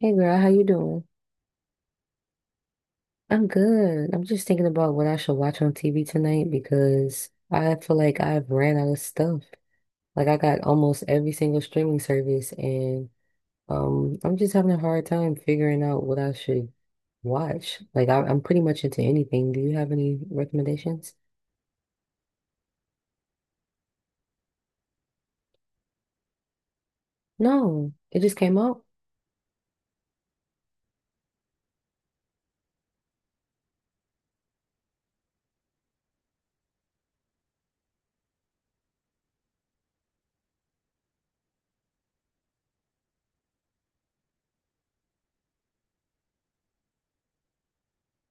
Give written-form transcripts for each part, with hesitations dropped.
Hey girl, how you doing? I'm good. I'm just thinking about what I should watch on TV tonight because I feel like I've ran out of stuff. Like I got almost every single streaming service and I'm just having a hard time figuring out what I should watch. Like I'm pretty much into anything. Do you have any recommendations? No, it just came out.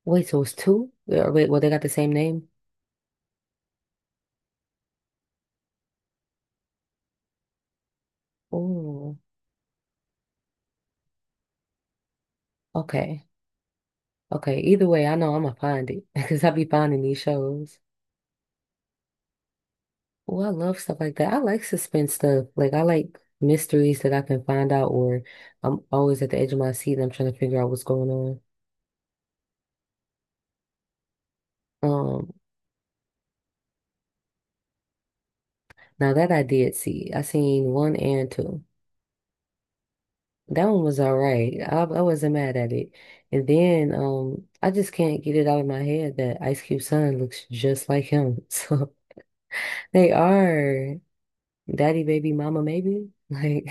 Wait, so it's two? Yeah, wait, well they got the same name? Oh, okay. Okay. Either way, I know I'm gonna find it because I be finding these shows. Oh, I love stuff like that. I like suspense stuff. Like I like mysteries that I can find out, or I'm always at the edge of my seat and I'm trying to figure out what's going on. Now that I did see, I seen one and two. That one was all right. I wasn't mad at it. And then I just can't get it out of my head that Ice Cube son looks just like him. So they are. Daddy, baby, mama, maybe. Like,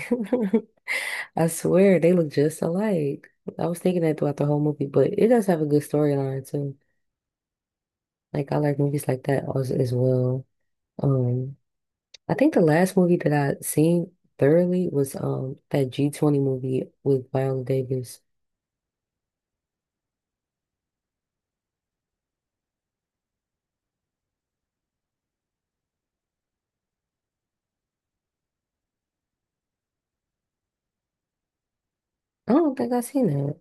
I swear they look just alike. I was thinking that throughout the whole movie, but it does have a good storyline too. Like, I like movies like that as well. Um, I think the last movie that I seen thoroughly was that G20 movie with Viola Davis. I don't think I've seen that.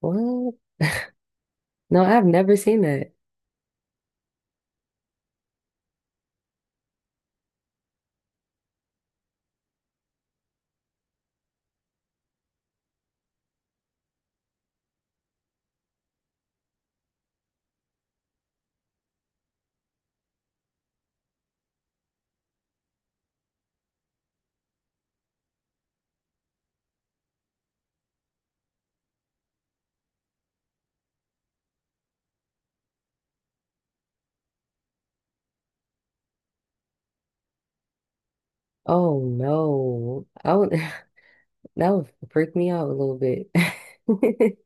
What? No, I've never seen that. Oh no, I would that would freak me out a little bit.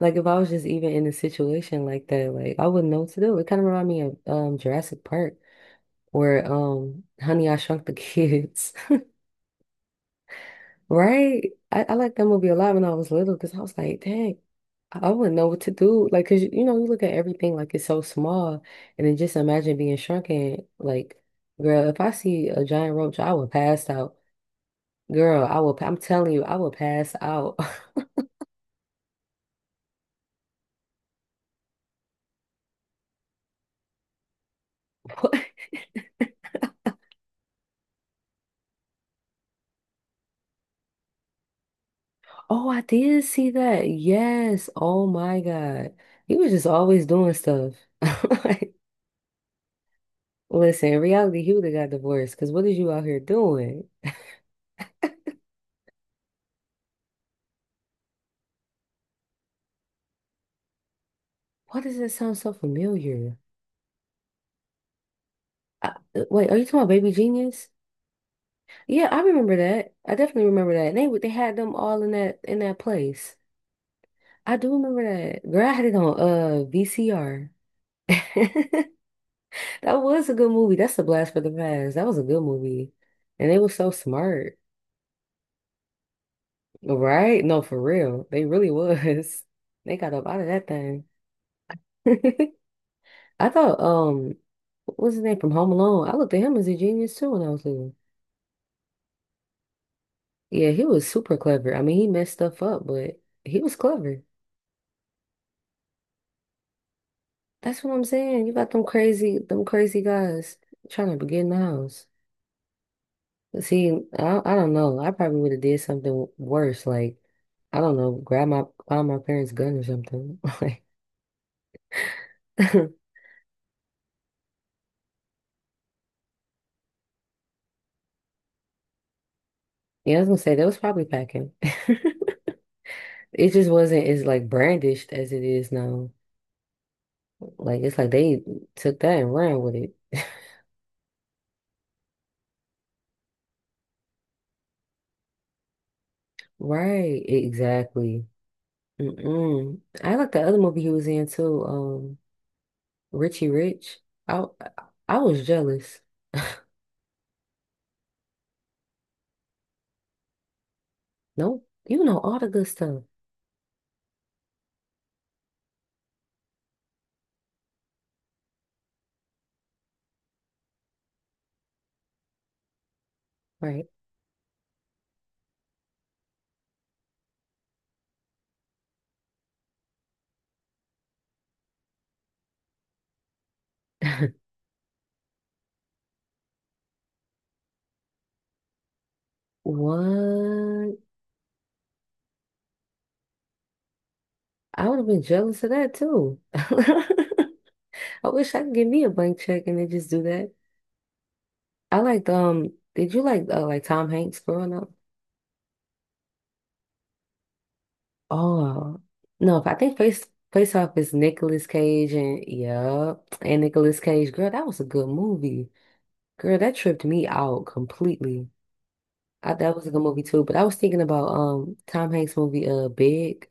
Like if I was just even in a situation like that, like I wouldn't know what to do. It kind of reminded me of Jurassic Park or Honey, I Shrunk the Kids, right? I liked that movie a lot when I was little because I was like, dang, I wouldn't know what to do. Like, cause you look at everything like it's so small, and then just imagine being shrunken. Like, girl, if I see a giant roach, I would pass out. Girl, I will. I'm telling you, I will pass out. Oh, I did see that. Yes. Oh my God. He was just always doing stuff. Like, listen, in reality, he would have got divorced because what is you out here doing? Why does that sound so familiar? I, wait, are you talking about Baby Genius? Yeah, I remember that. I definitely remember that. And they had them all in that place. I do remember that. Girl, I had it on VCR. That was a good movie. That's a blast for the past. That was a good movie. And they were so smart. Right? No, for real. They really was. They got up out of that thing. I thought, what's his name from Home Alone? I looked at him as a genius too when I was little. Yeah, he was super clever. I mean, he messed stuff up, but he was clever. That's what I'm saying. You got them crazy guys trying to get in the house. See, I don't know. I probably would have did something worse, like I don't know, grab my find my parents' gun or something. Like, yeah, I was gonna say that was probably packing. It just wasn't as like brandished as it is now. Like it's like they took that and ran with it. Right, exactly. Mm-mm. I like the other movie he was in too, Richie Rich. I I was jealous. Nope, you know all the good stuff, right? What? I would have been jealous of that too. I wish I could give me a blank check and then just do that. I liked Did you like Tom Hanks growing up? Oh no, I think Face Off is Nicolas Cage and yeah, and Nicolas Cage. Girl, that was a good movie. Girl, that tripped me out completely. I, that was a good movie too. But I was thinking about Tom Hanks movie Big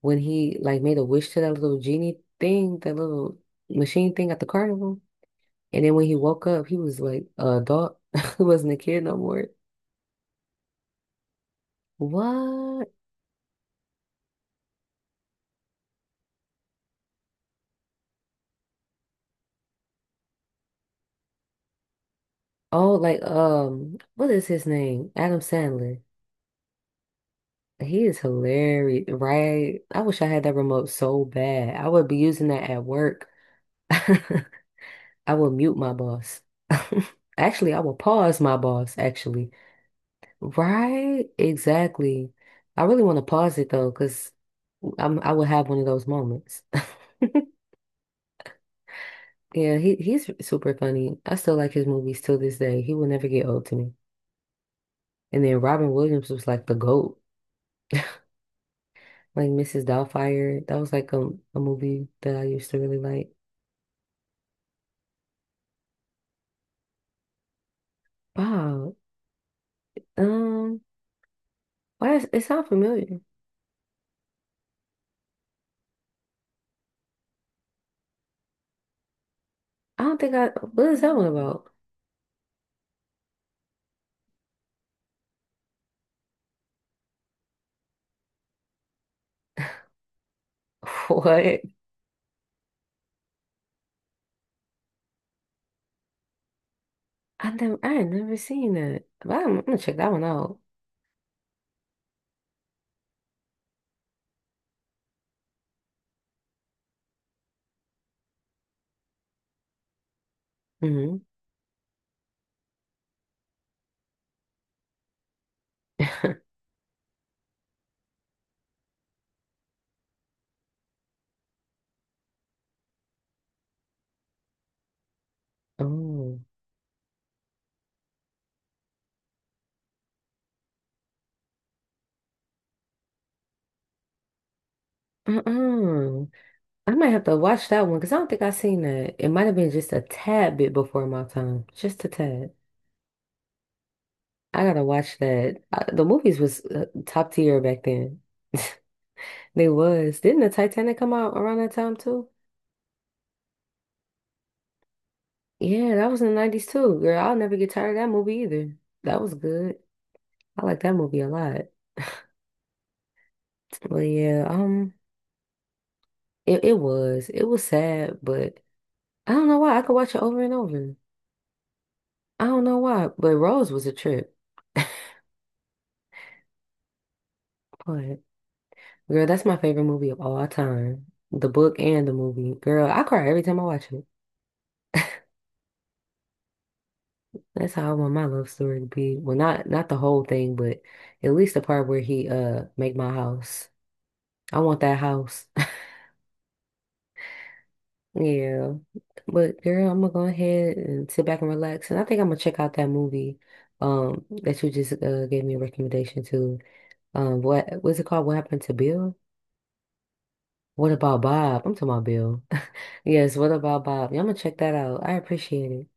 when he like made a wish to that little genie thing, that little machine thing at the carnival. And then when he woke up, he was like a adult. He wasn't a kid no more. What? Oh, like what is his name? Adam Sandler. He is hilarious, right? I wish I had that remote so bad. I would be using that at work. I will mute my boss. Actually, I will pause my boss, actually. Right? Exactly. I really want to pause it though, because I will have one of those moments. Yeah, he's super funny. I still like his movies till this day. He will never get old to me. And then Robin Williams was like the GOAT. Like Mrs. Doubtfire. That was like a movie that I used to really like. Wow. Um, why is it sounds familiar? I don't think I What is that one about? What? I had never seen that. But I'm gonna check that one out. Hmm Oh. Uh-uh. I might have to watch that one because I don't think I seen that. It might have been just a tad bit before my time. Just a tad. I gotta watch that. The movies was top tier back then. They was. Didn't the Titanic come out around that time too? Yeah, that was in the 90s too, girl. I'll never get tired of that movie either. That was good. I like that movie a lot. But yeah, it, it was. It was sad, but I don't know why. I could watch it over and over. I don't know why, but Rose was a trip. But girl, that's my favorite movie of all time. The book and the movie. Girl, I cry every time I watch it. That's how I want my love story to be. Well, not the whole thing, but at least the part where he make my house. I want that house. Yeah. But girl, I'm gonna go ahead and sit back and relax. And I think I'm gonna check out that movie that you just gave me a recommendation to. What was it called? What happened to Bill? What about Bob? I'm talking about Bill. Yes, what about Bob? Yeah, I'm gonna check that out. I appreciate it.